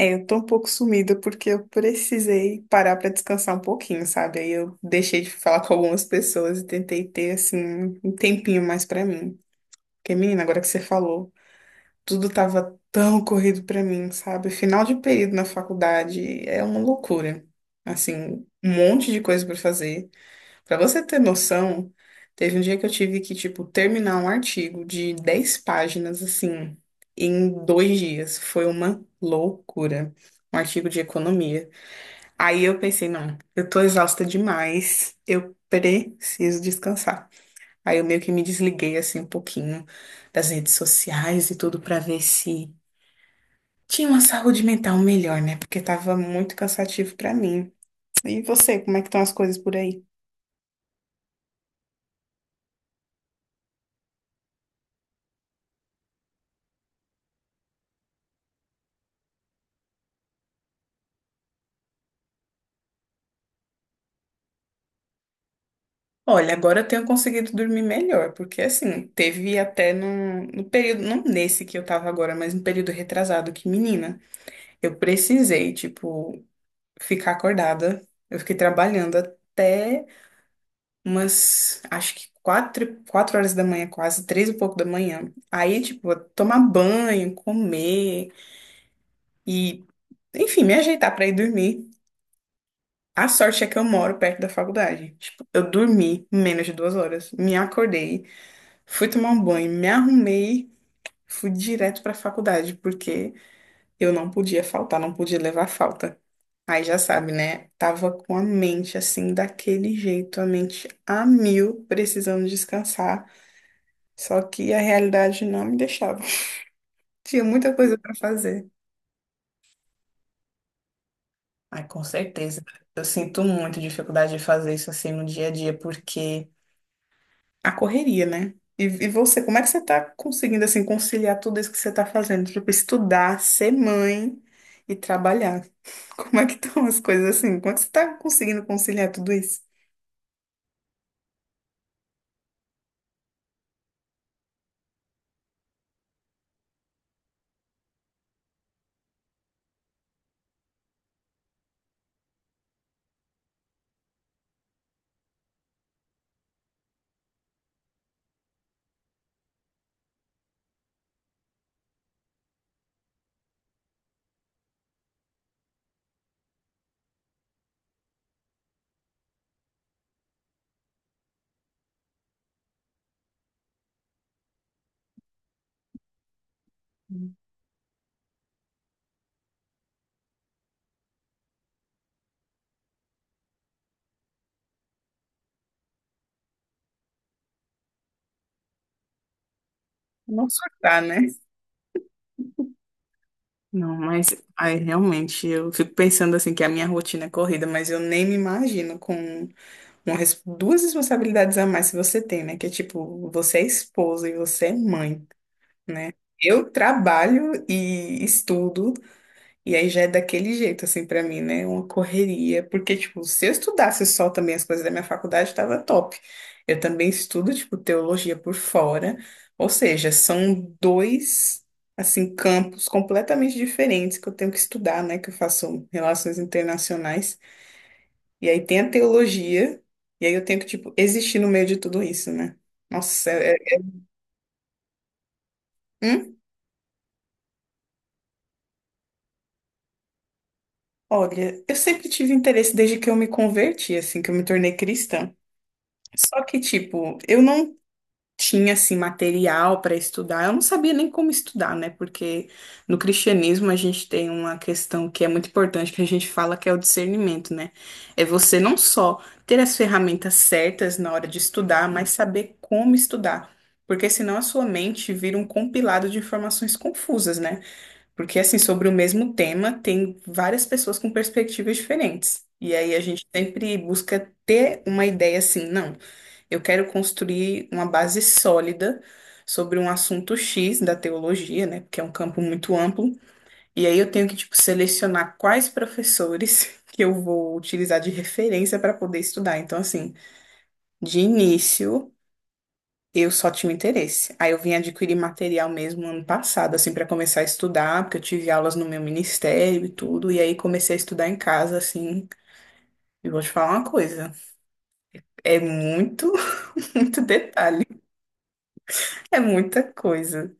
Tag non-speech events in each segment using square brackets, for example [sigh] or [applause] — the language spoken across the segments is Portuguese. É, eu tô um pouco sumida porque eu precisei parar pra descansar um pouquinho, sabe? Aí eu deixei de falar com algumas pessoas e tentei ter, assim, um tempinho mais pra mim. Porque, menina, agora que você falou, tudo tava tão corrido pra mim, sabe? Final de período na faculdade é uma loucura. Assim, um monte de coisa pra fazer. Pra você ter noção, teve um dia que eu tive que, tipo, terminar um artigo de 10 páginas, assim, em 2 dias. Foi uma loucura. Um artigo de economia. Aí eu pensei, não, eu tô exausta demais, eu preciso descansar. Aí eu meio que me desliguei, assim, um pouquinho das redes sociais e tudo pra ver se tinha uma saúde mental melhor, né? Porque tava muito cansativo pra mim. E você, como é que estão as coisas por aí? Olha, agora eu tenho conseguido dormir melhor, porque assim, teve até no período, não nesse que eu tava agora, mas no período retrasado, que menina, eu precisei, tipo, ficar acordada. Eu fiquei trabalhando até umas, acho que quatro horas da manhã, quase, três e pouco da manhã. Aí, tipo, tomar banho, comer e, enfim, me ajeitar pra ir dormir. A sorte é que eu moro perto da faculdade. Tipo, eu dormi menos de 2 horas, me acordei. Fui tomar um banho, me arrumei, fui direto para a faculdade, porque eu não podia faltar, não podia levar falta. Aí já sabe, né? Tava com a mente assim, daquele jeito, a mente a mil, precisando descansar. Só que a realidade não me deixava. [laughs] Tinha muita coisa para fazer. Ai, com certeza. Eu sinto muito dificuldade de fazer isso assim no dia a dia, porque. A correria, né? E você, como é que você tá conseguindo, assim, conciliar tudo isso que você tá fazendo? Tipo, estudar, ser mãe e trabalhar. [laughs] Como é que estão as coisas assim? Como é que você tá conseguindo conciliar tudo isso? Não surtar, né? Não, mas aí realmente eu fico pensando assim que a minha rotina é corrida, mas eu nem me imagino com duas responsabilidades a mais que você tem, né? Que é tipo, você é esposa e você é mãe, né? Eu trabalho e estudo. E aí já é daquele jeito, assim, pra mim, né? Uma correria. Porque, tipo, se eu estudasse só também as coisas da minha faculdade, tava top. Eu também estudo, tipo, teologia por fora. Ou seja, são dois, assim, campos completamente diferentes que eu tenho que estudar, né? Que eu faço relações internacionais. E aí tem a teologia. E aí eu tenho que, tipo, existir no meio de tudo isso, né? Nossa, hum? Olha, eu sempre tive interesse desde que eu me converti, assim, que eu me tornei cristã. Só que, tipo, eu não tinha assim material para estudar. Eu não sabia nem como estudar, né? Porque no cristianismo a gente tem uma questão que é muito importante que a gente fala que é o discernimento, né? É você não só ter as ferramentas certas na hora de estudar, mas saber como estudar. Porque senão a sua mente vira um compilado de informações confusas, né? Porque assim, sobre o mesmo tema, tem várias pessoas com perspectivas diferentes. E aí a gente sempre busca ter uma ideia assim, não. Eu quero construir uma base sólida sobre um assunto X da teologia, né? Porque é um campo muito amplo. E aí eu tenho que, tipo, selecionar quais professores [laughs] que eu vou utilizar de referência para poder estudar. Então, assim, de início, eu só tinha interesse. Aí eu vim adquirir material mesmo ano passado, assim, para começar a estudar, porque eu tive aulas no meu ministério e tudo. E aí comecei a estudar em casa, assim. E vou te falar uma coisa, é muito, [laughs] muito detalhe, é muita coisa.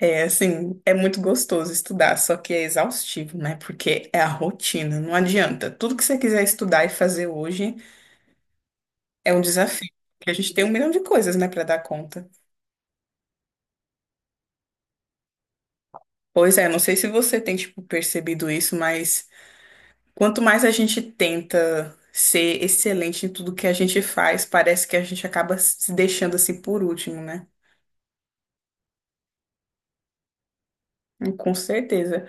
É assim, é muito gostoso estudar, só que é exaustivo, né? Porque é a rotina, não adianta. Tudo que você quiser estudar e fazer hoje é um desafio, porque a gente tem um milhão de coisas, né, para dar conta. Pois é, não sei se você tem, tipo, percebido isso, mas quanto mais a gente tenta ser excelente em tudo que a gente faz, parece que a gente acaba se deixando assim por último, né? E com certeza.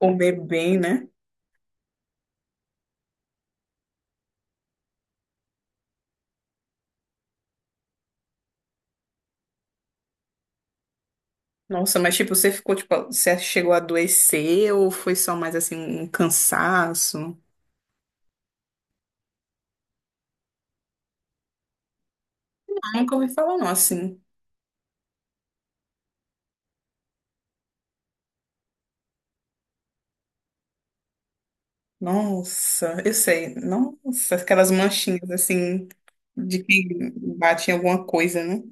Comer bem, né? Nossa, mas tipo, você ficou, tipo, você chegou a adoecer ou foi só mais assim um cansaço? Ah, nunca ouvi falar, não, assim. Nossa, eu sei. Nossa, aquelas manchinhas assim de que bate em alguma coisa, né?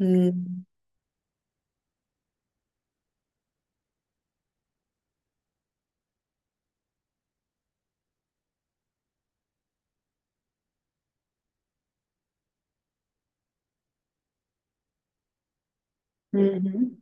Hum. Uhum.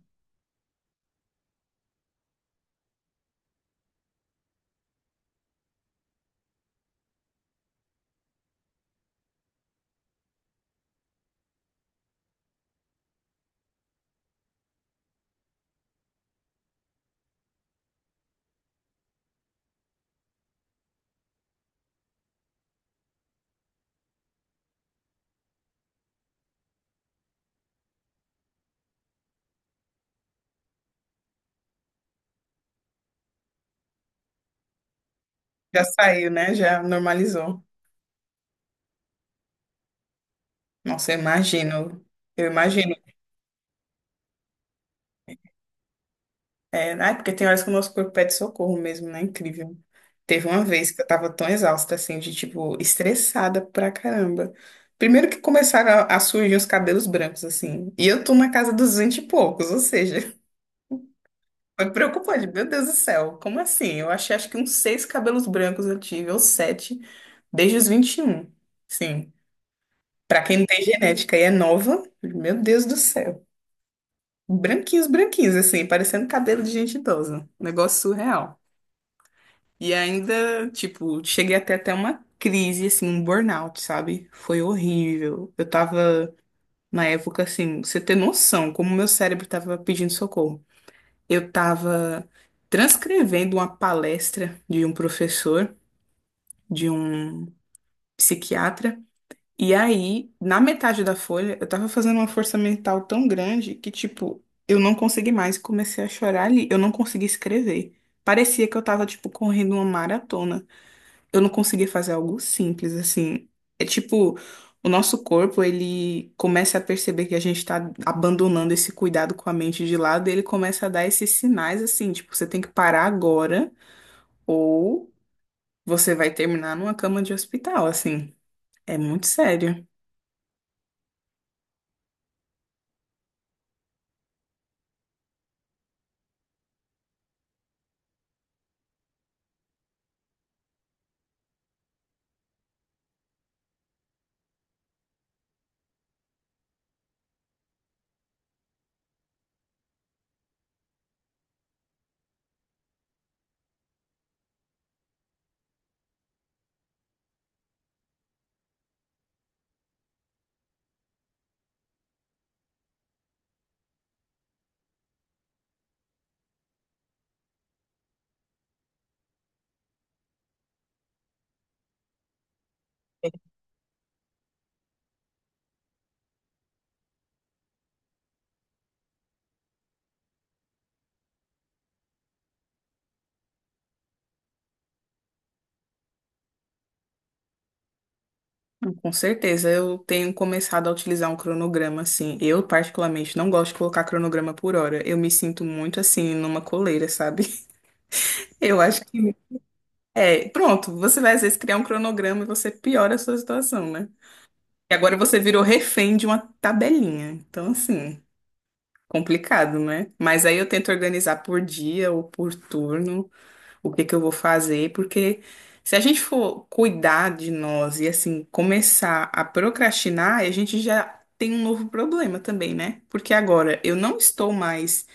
Já saiu, né? Já normalizou. Nossa, eu imagino. Eu imagino. É, né? Porque tem horas que o nosso corpo pede socorro mesmo, né? Incrível. Teve uma vez que eu tava tão exausta, assim, de tipo, estressada pra caramba. Primeiro que começaram a surgir os cabelos brancos, assim. E eu tô na casa dos 20 e poucos, ou seja, [laughs] foi preocupante. Meu Deus do céu, como assim? Eu achei, acho que uns seis cabelos brancos eu tive, ou sete, desde os 21. Sim. Pra quem não tem genética e é nova, meu Deus do céu. Branquinhos, branquinhos, assim, parecendo cabelo de gente idosa. Negócio surreal. E ainda, tipo, cheguei até uma crise, assim, um burnout, sabe? Foi horrível. Eu tava, na época, assim, pra você ter noção, como meu cérebro tava pedindo socorro. Eu tava transcrevendo uma palestra de um professor, de um psiquiatra, e aí, na metade da folha, eu tava fazendo uma força mental tão grande que, tipo, eu não consegui mais, e comecei a chorar ali, eu não consegui escrever. Parecia que eu tava, tipo, correndo uma maratona. Eu não conseguia fazer algo simples, assim. É tipo, o nosso corpo, ele começa a perceber que a gente tá abandonando esse cuidado com a mente de lado, e ele começa a dar esses sinais, assim, tipo, você tem que parar agora, ou você vai terminar numa cama de hospital, assim. É muito sério. Com certeza, eu tenho começado a utilizar um cronograma, assim. Eu, particularmente, não gosto de colocar cronograma por hora. Eu me sinto muito, assim, numa coleira, sabe? [laughs] Eu acho que é, pronto, você vai às vezes criar um cronograma e você piora a sua situação, né? E agora você virou refém de uma tabelinha. Então, assim, complicado, né? Mas aí eu tento organizar por dia ou por turno o que que eu vou fazer, porque se a gente for cuidar de nós e, assim, começar a procrastinar, a gente já tem um novo problema também, né? Porque agora eu não estou mais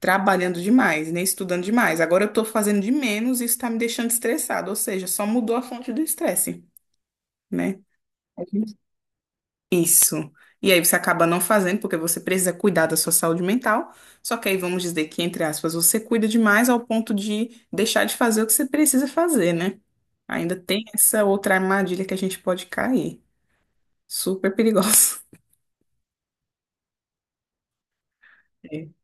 trabalhando demais, né? Estudando demais. Agora eu tô fazendo de menos e isso tá me deixando estressado, ou seja, só mudou a fonte do estresse, né? A gente- Isso. E aí você acaba não fazendo porque você precisa cuidar da sua saúde mental. Só que aí vamos dizer que, entre aspas, você cuida demais ao ponto de deixar de fazer o que você precisa fazer, né? Ainda tem essa outra armadilha que a gente pode cair. Super perigosa. [laughs]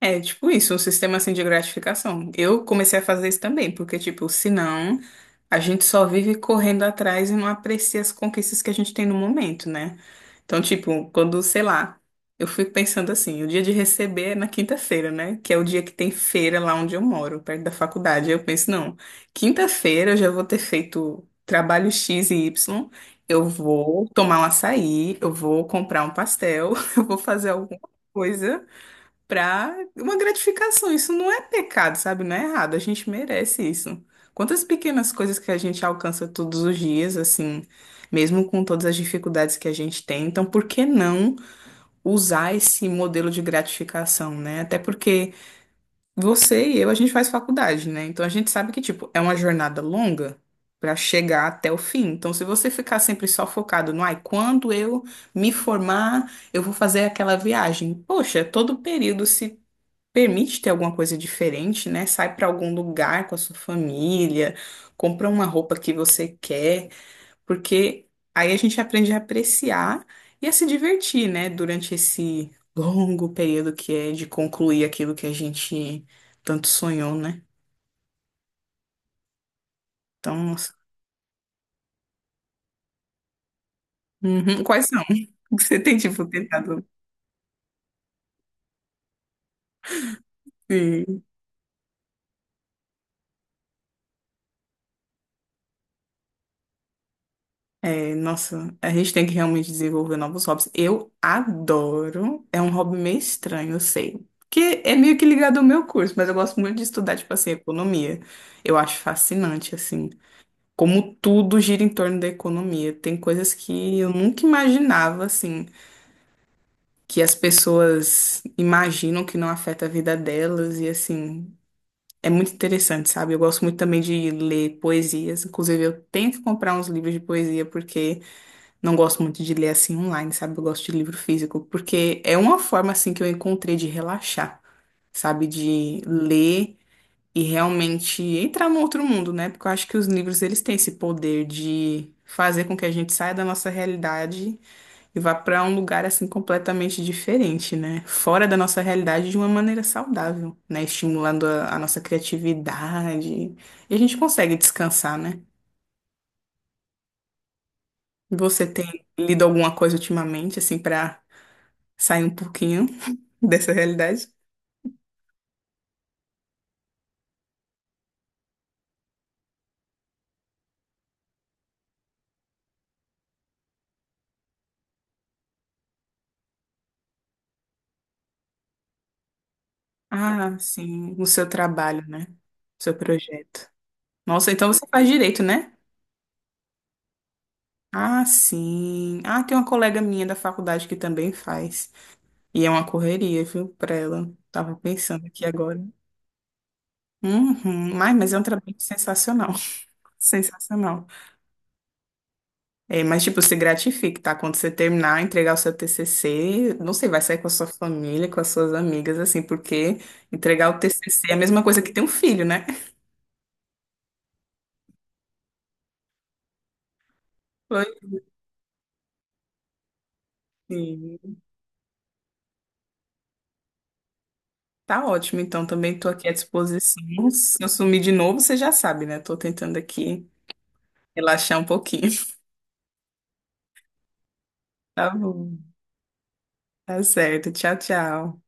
É tipo isso, um sistema assim de gratificação. Eu comecei a fazer isso também, porque, tipo, senão a gente só vive correndo atrás e não aprecia as conquistas que a gente tem no momento, né? Então, tipo, quando, sei lá, eu fico pensando assim, o dia de receber é na quinta-feira, né? Que é o dia que tem feira lá onde eu moro, perto da faculdade. Aí eu penso, não, quinta-feira eu já vou ter feito trabalho X e Y, eu vou tomar um açaí, eu vou comprar um pastel, [laughs] eu vou fazer alguma coisa pra uma gratificação. Isso não é pecado, sabe? Não é errado. A gente merece isso. Quantas pequenas coisas que a gente alcança todos os dias, assim, mesmo com todas as dificuldades que a gente tem. Então, por que não usar esse modelo de gratificação, né? Até porque você e eu, a gente faz faculdade, né? Então, a gente sabe que, tipo, é uma jornada longa. Pra chegar até o fim. Então, se você ficar sempre só focado no, ai, quando eu me formar, eu vou fazer aquela viagem. Poxa, todo período, se permite ter alguma coisa diferente, né? Sai para algum lugar com a sua família, compra uma roupa que você quer, porque aí a gente aprende a apreciar e a se divertir, né? Durante esse longo período que é de concluir aquilo que a gente tanto sonhou, né? Então, nossa. Uhum. Quais são? [laughs] Você tem, tipo, tentado. Sim. É, nossa, a gente tem que realmente desenvolver novos hobbies. Eu adoro. É um hobby meio estranho, eu sei. Que é meio que ligado ao meu curso, mas eu gosto muito de estudar, tipo assim, economia. Eu acho fascinante, assim, como tudo gira em torno da economia. Tem coisas que eu nunca imaginava, assim, que as pessoas imaginam que não afeta a vida delas, e assim, é muito interessante, sabe? Eu gosto muito também de ler poesias. Inclusive, eu tenho que comprar uns livros de poesia, porque. Não gosto muito de ler assim online, sabe? Eu gosto de livro físico, porque é uma forma assim que eu encontrei de relaxar, sabe? De ler e realmente entrar num outro mundo, né? Porque eu acho que os livros eles têm esse poder de fazer com que a gente saia da nossa realidade e vá para um lugar assim completamente diferente, né? Fora da nossa realidade de uma maneira saudável, né? Estimulando a nossa criatividade. E a gente consegue descansar, né? Você tem lido alguma coisa ultimamente assim para sair um pouquinho [laughs] dessa realidade. Ah, sim, no seu trabalho, né? Seu projeto. Nossa, então você faz direito, né? Ah, sim. Ah, tem uma colega minha da faculdade que também faz. E é uma correria, viu, pra ela. Tava pensando aqui agora. Uhum. Ai, mas é um trabalho sensacional. [laughs] Sensacional. É, mas, tipo, se gratifique, tá? Quando você terminar, entregar o seu TCC, não sei, vai sair com a sua família, com as suas amigas, assim, porque entregar o TCC é a mesma coisa que ter um filho, né? [laughs] Sim. Tá ótimo, então também estou aqui à disposição. Se eu sumir de novo, você já sabe, né? Estou tentando aqui relaxar um pouquinho. [laughs] Tá bom. Tá certo. Tchau, tchau.